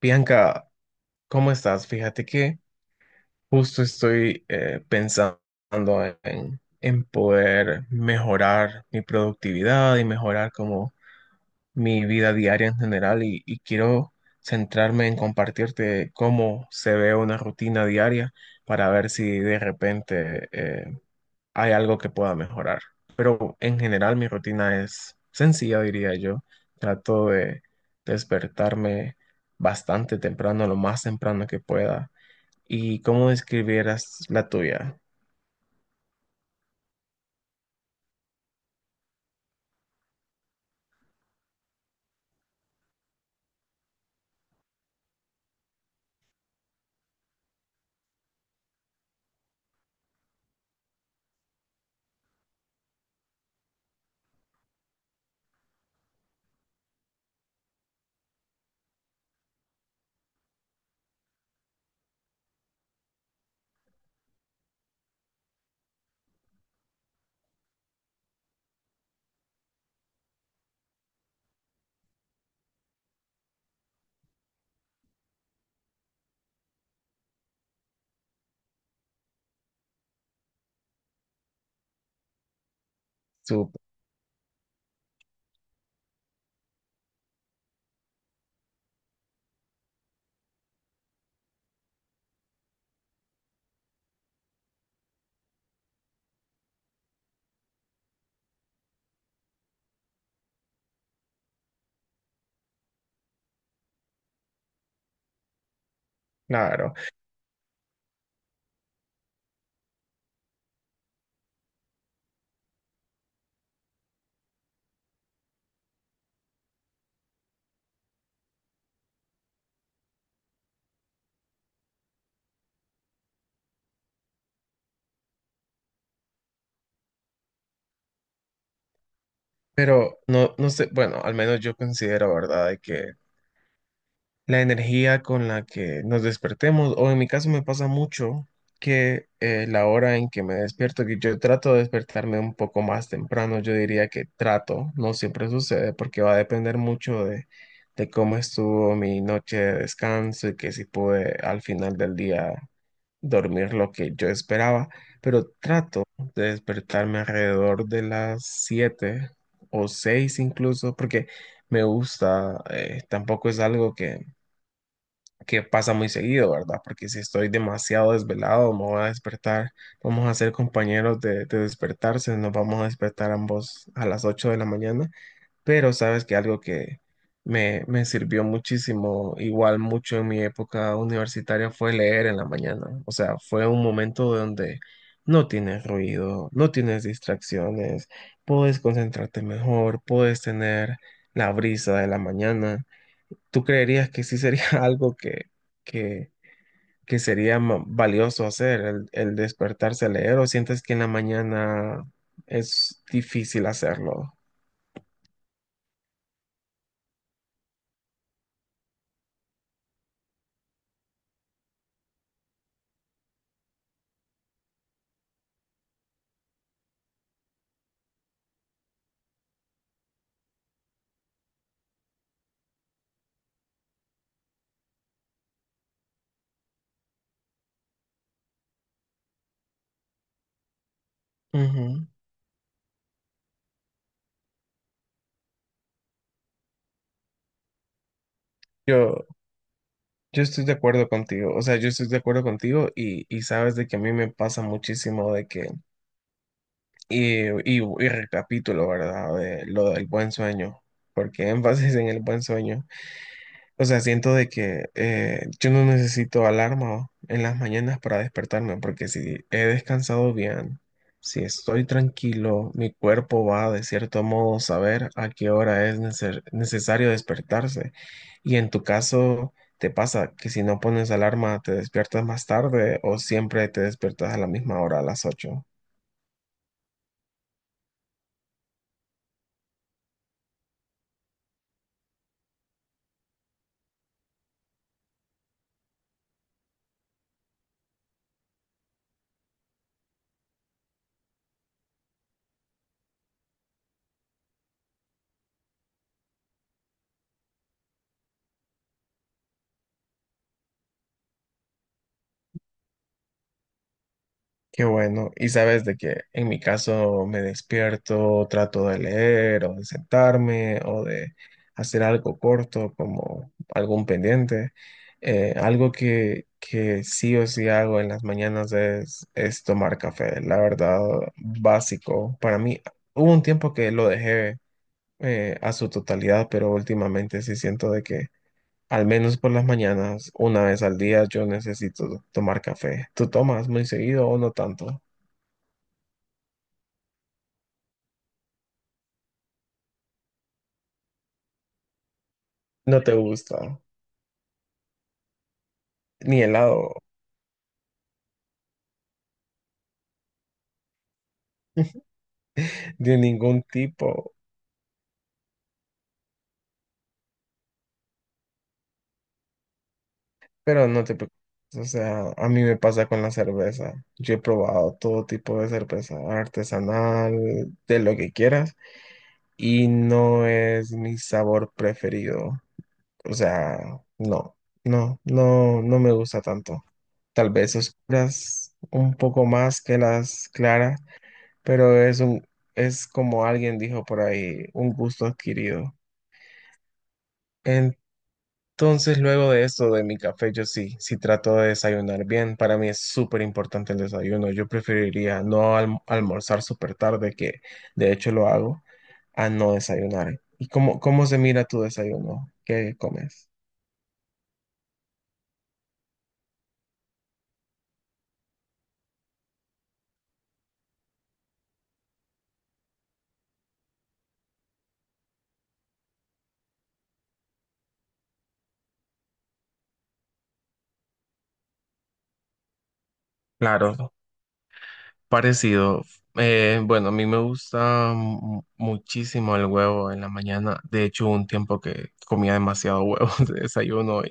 Bianca, ¿cómo estás? Fíjate que justo estoy pensando en poder mejorar mi productividad y mejorar como mi vida diaria en general y quiero centrarme en compartirte cómo se ve una rutina diaria para ver si de repente hay algo que pueda mejorar. Pero en general mi rutina es sencilla, diría yo. Trato de despertarme bastante temprano, lo más temprano que pueda. ¿Y cómo describieras la tuya? Súper, claro. Pero no, no sé, bueno, al menos yo considero, ¿verdad?, de que la energía con la que nos despertemos, o en mi caso me pasa mucho que la hora en que me despierto, que yo trato de despertarme un poco más temprano, yo diría que trato, no siempre sucede porque va a depender mucho de cómo estuvo mi noche de descanso y que si pude al final del día dormir lo que yo esperaba, pero trato de despertarme alrededor de las 7 o 6 incluso, porque me gusta, tampoco es algo que pasa muy seguido, ¿verdad? Porque si estoy demasiado desvelado, me voy a despertar, vamos a ser compañeros de despertarse, nos vamos a despertar ambos a las 8 de la mañana, pero sabes que algo que me sirvió muchísimo, igual mucho en mi época universitaria, fue leer en la mañana, o sea, fue un momento donde no tienes ruido, no tienes distracciones, puedes concentrarte mejor, puedes tener la brisa de la mañana. ¿Tú creerías que sí sería algo que, que sería valioso hacer, el despertarse a leer, o sientes que en la mañana es difícil hacerlo? Ujú. Yo, yo estoy de acuerdo contigo, o sea, yo estoy de acuerdo contigo y sabes de que a mí me pasa muchísimo de que, y recapitulo, ¿verdad? De lo del buen sueño, porque énfasis en el buen sueño. O sea, siento de que yo no necesito alarma en las mañanas para despertarme, porque si he descansado bien, si estoy tranquilo, mi cuerpo va de cierto modo a saber a qué hora es necesario despertarse. Y en tu caso, ¿te pasa que si no pones alarma te despiertas más tarde o siempre te despiertas a la misma hora, a las 8? Qué bueno. Y sabes de que en mi caso me despierto, trato de leer o de sentarme o de hacer algo corto como algún pendiente. Algo que sí o sí hago en las mañanas es tomar café. La verdad, básico. Para mí, hubo un tiempo que lo dejé a su totalidad, pero últimamente sí siento de que al menos por las mañanas, una vez al día, yo necesito tomar café. ¿Tú tomas muy seguido o no tanto? No te gusta ni helado de ningún tipo, pero no te preocupes. O sea, a mí me pasa con la cerveza. Yo he probado todo tipo de cerveza artesanal, de lo que quieras, y no es mi sabor preferido. O sea, no, no, no, no me gusta tanto. Tal vez oscuras un poco más que las claras, pero es como alguien dijo por ahí, un gusto adquirido. En Entonces, luego de esto, de mi café, yo sí trato de desayunar bien. Para mí es súper importante el desayuno. Yo preferiría no almorzar súper tarde, que de hecho lo hago, a no desayunar. ¿Y cómo se mira tu desayuno? ¿Qué comes? Claro, parecido. Bueno, a mí me gusta muchísimo el huevo en la mañana. De hecho, hubo un tiempo que comía demasiado huevo de desayuno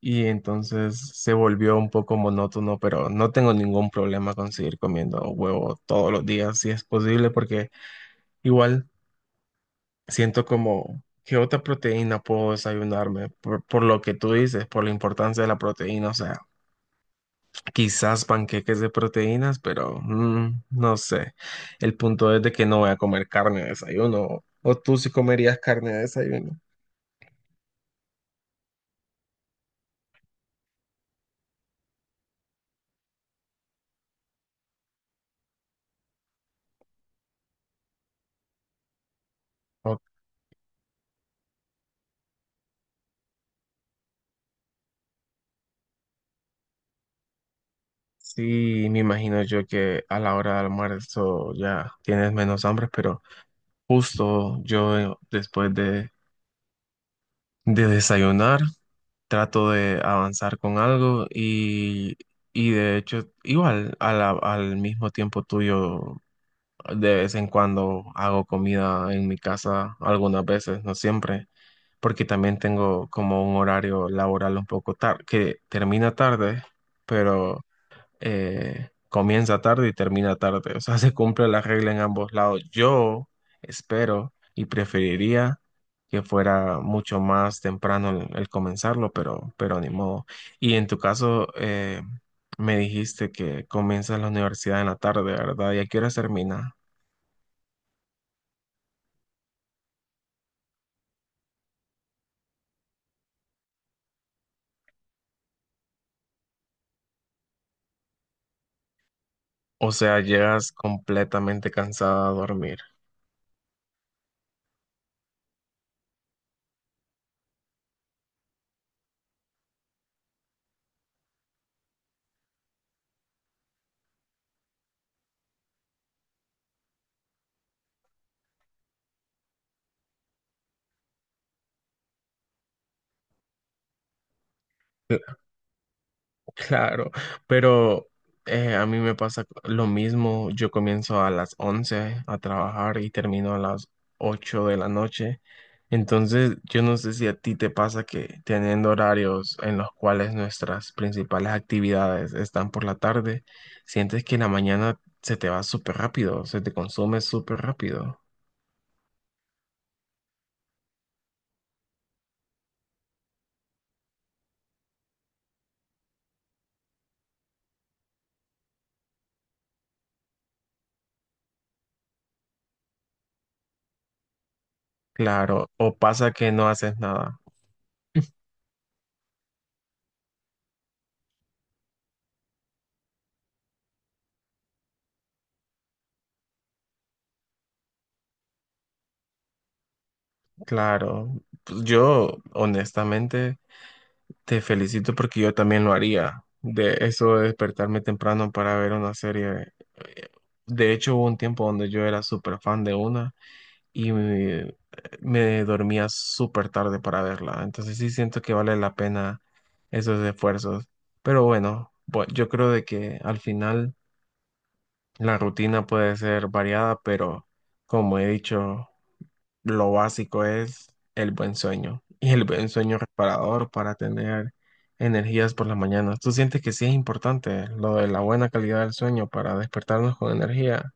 y entonces se volvió un poco monótono, pero no tengo ningún problema con seguir comiendo huevo todos los días si es posible, porque igual siento como que otra proteína puedo desayunarme por lo que tú dices, por la importancia de la proteína, o sea, quizás panqueques de proteínas, pero no sé. El punto es de que no voy a comer carne de desayuno. ¿O tú sí comerías carne de desayuno? O Sí, me imagino yo que a la hora del almuerzo ya tienes menos hambre, pero justo yo después de desayunar trato de avanzar con algo y de hecho igual a al mismo tiempo tuyo de vez en cuando hago comida en mi casa algunas veces, no siempre, porque también tengo como un horario laboral un poco tarde que termina tarde, pero comienza tarde y termina tarde. O sea, se cumple la regla en ambos lados. Yo espero y preferiría que fuera mucho más temprano el comenzarlo, pero, ni modo. Y en tu caso, me dijiste que comienzas la universidad en la tarde, ¿verdad? ¿Y a qué hora termina? O sea, llegas completamente cansada a dormir. Claro, pero a mí me pasa lo mismo. Yo comienzo a las 11 a trabajar y termino a las 8 de la noche. Entonces, yo no sé si a ti te pasa que teniendo horarios en los cuales nuestras principales actividades están por la tarde, sientes que la mañana se te va súper rápido, se te consume súper rápido. Claro, o pasa que no haces nada. Claro, pues yo honestamente. Te felicito porque yo también lo haría. De eso de despertarme temprano para ver una serie. De hecho, hubo un tiempo donde yo era súper fan de una y me dormía súper tarde para verla. Entonces sí siento que vale la pena esos esfuerzos. Pero bueno, yo creo de que al final la rutina puede ser variada, pero como he dicho, lo básico es el buen sueño y el buen sueño reparador para tener energías por las mañanas. ¿Tú sientes que sí es importante lo de la buena calidad del sueño para despertarnos con energía?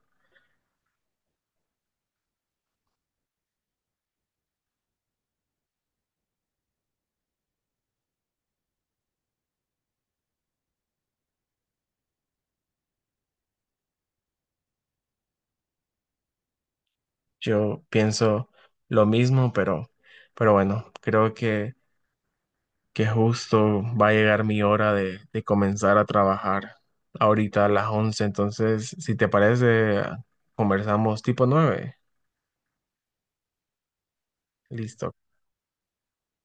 Yo pienso lo mismo, pero, bueno, creo que justo va a llegar mi hora de comenzar a trabajar ahorita a las 11. Entonces, si te parece, conversamos tipo 9. Listo,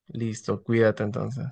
listo, cuídate entonces.